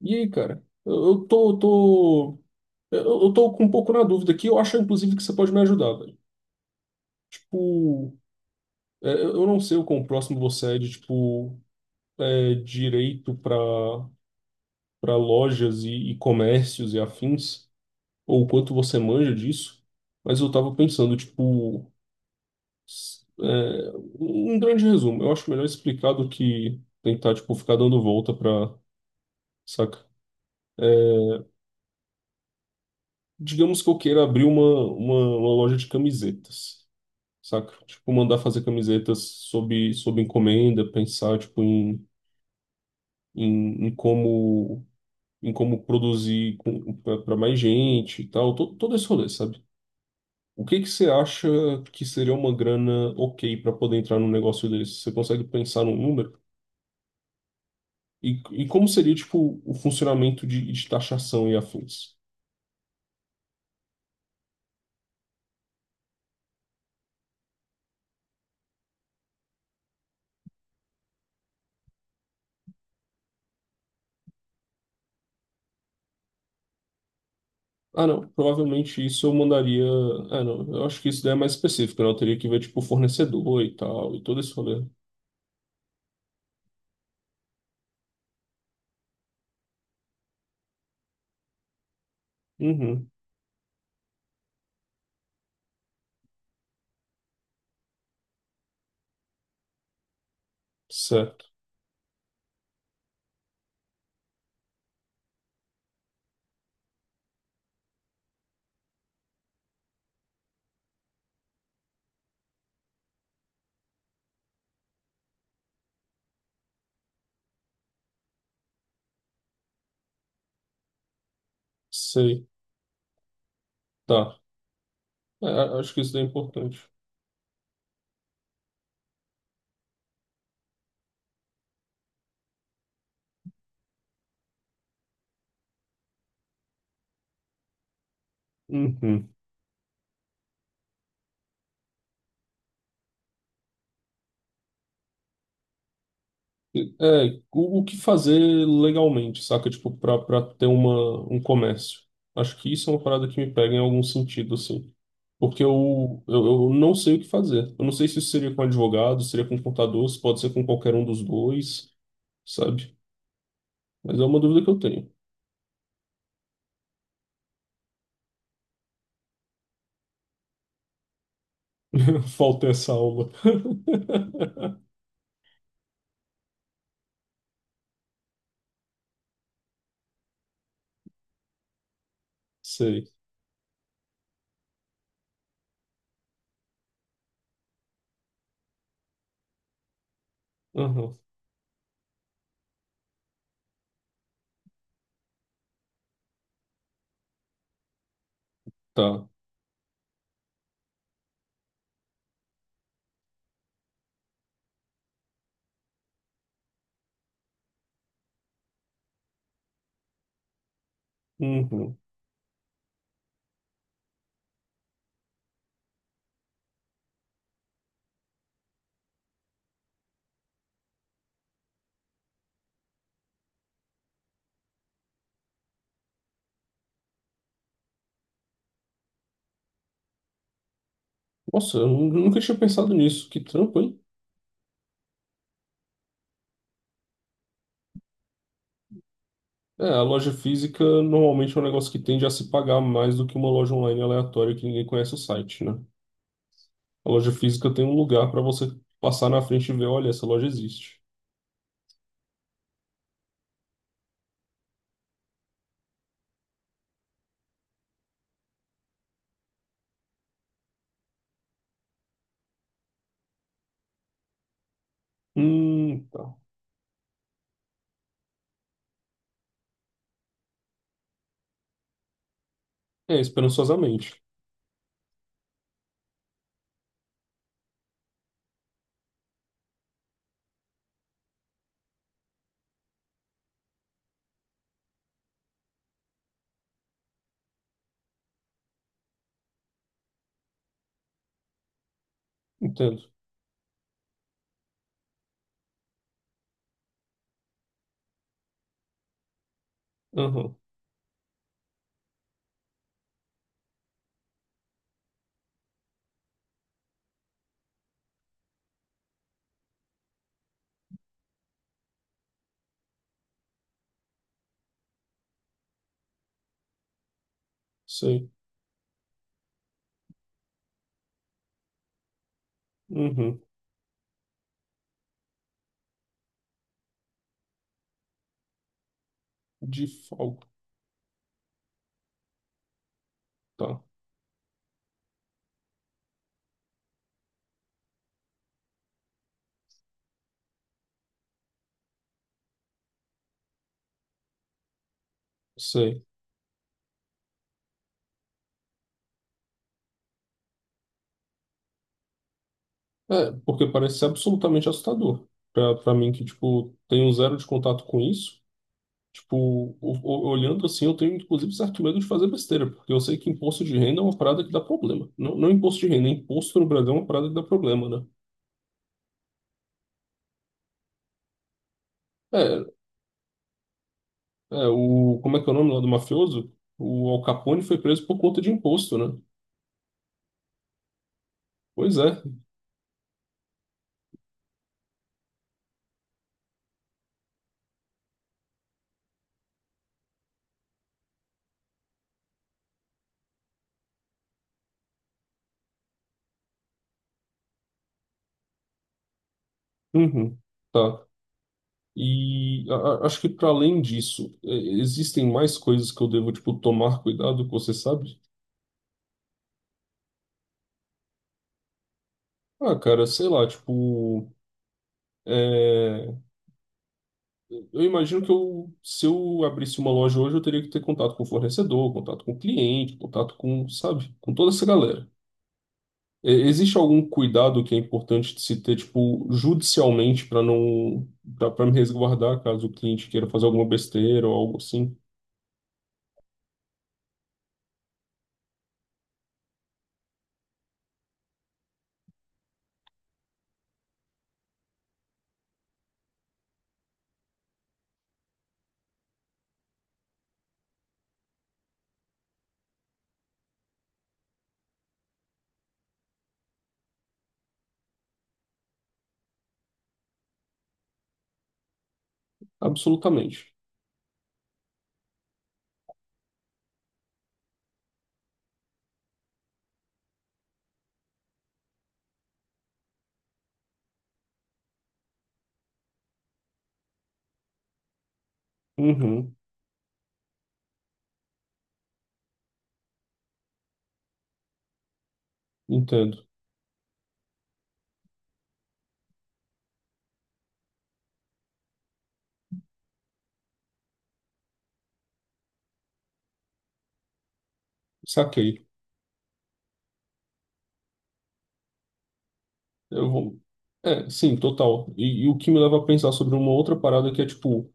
E aí, cara? Eu tô com um pouco na dúvida aqui. Eu acho, inclusive, que você pode me ajudar, velho. Tipo, eu não sei o quão próximo você é de, tipo, é, direito para lojas e comércios e afins, ou o quanto você manja disso, mas eu tava pensando, tipo, s- é, um grande resumo. Eu acho melhor explicar do que tentar, tipo, ficar dando volta pra, saca? Digamos que eu queira abrir uma loja de camisetas. Saca? Tipo, mandar fazer camisetas sob encomenda, pensar, tipo, em, em, em como, em como produzir para mais gente e tal, todo esse rolê, sabe? O que que você acha que seria uma grana ok para poder entrar num negócio desse? Você consegue pensar num número? E como seria, tipo, o funcionamento de taxação e afins? Ah, não, provavelmente isso eu mandaria. Ah, não, eu acho que isso daí é mais específico, né? Eu teria que ver, tipo, fornecedor e tal, e todo esse rolê. Uhum. Certo. Sei, tá. É, acho que isso daí é importante. Uhum. É, o que fazer legalmente, saca? Tipo, pra ter uma, um comércio. Acho que isso é uma parada que me pega em algum sentido, assim. Porque eu não sei o que fazer. Eu não sei se isso seria com advogado, seria com contador, se pode ser com qualquer um dos dois, sabe? Mas é uma dúvida que eu tenho. Falta essa aula. Sei. Aham. Tá. Uhum. Nossa, eu nunca tinha pensado nisso. Que trampo, hein? É, a loja física normalmente é um negócio que tende a se pagar mais do que uma loja online aleatória que ninguém conhece o site, né? A loja física tem um lugar para você passar na frente e ver, olha, essa loja existe. Tá. É, esperançosamente. Entendo. Aham, sei. Uhum. De falco, tá. Sei. É, porque parece ser absolutamente assustador. Pra mim que, tipo, tenho zero de contato com isso. Tipo, olhando assim, eu tenho inclusive certo medo de fazer besteira, porque eu sei que imposto de renda é uma parada que dá problema. Não, imposto de renda, imposto no Brasil é uma parada que dá problema, né? É, o, como é que é o nome lá do mafioso? O Al Capone foi preso por conta de imposto, né? Pois é. Uhum. Tá. E acho que para além disso, é, existem mais coisas que eu devo, tipo, tomar cuidado, que você sabe? Ah, cara, sei lá, tipo. É, eu imagino que eu, se eu abrisse uma loja hoje, eu teria que ter contato com o fornecedor, contato com o cliente, contato com, sabe, com toda essa galera. É, existe algum cuidado que é importante de se ter, tipo, judicialmente para não, para me resguardar caso o cliente queira fazer alguma besteira ou algo assim? Absolutamente. Uhum, entendo. Saquei. Eu vou. É, sim, total. E o que me leva a pensar sobre uma outra parada que é, tipo,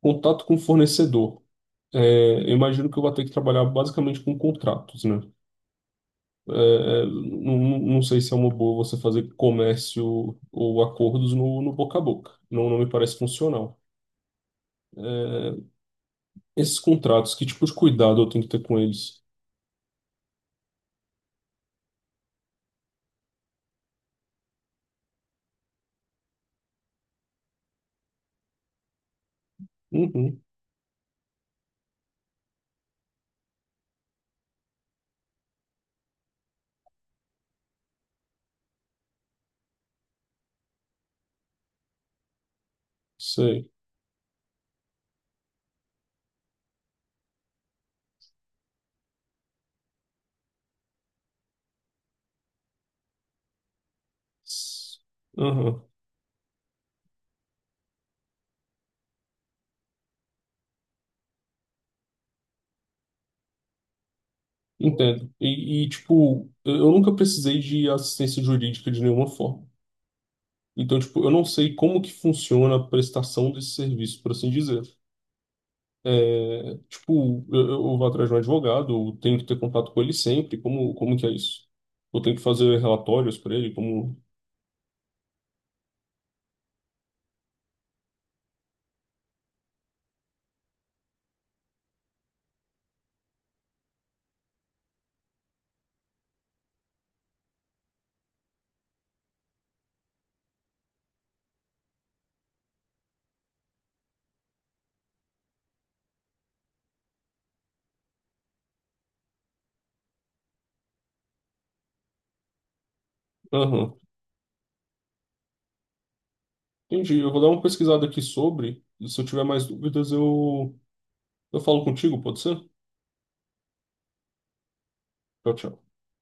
contato com o fornecedor. É, eu imagino que eu vou ter que trabalhar basicamente com contratos, né? É, não sei se é uma boa você fazer comércio ou acordos no boca a boca. Não me parece funcional. É, esses contratos, que tipo de cuidado eu tenho que ter com eles? Uhum, sei. S- Aham, entendo. E, tipo, eu nunca precisei de assistência jurídica de nenhuma forma. Então, tipo, eu não sei como que funciona a prestação desse serviço, por assim dizer. É, tipo, eu vou atrás de um advogado, eu tenho que ter contato com ele sempre. Como que é isso? Eu tenho que fazer relatórios para ele, como... Aham, entendi. Eu vou dar uma pesquisada aqui sobre, e se eu tiver mais dúvidas, eu falo contigo, pode ser? Tchau, tchau.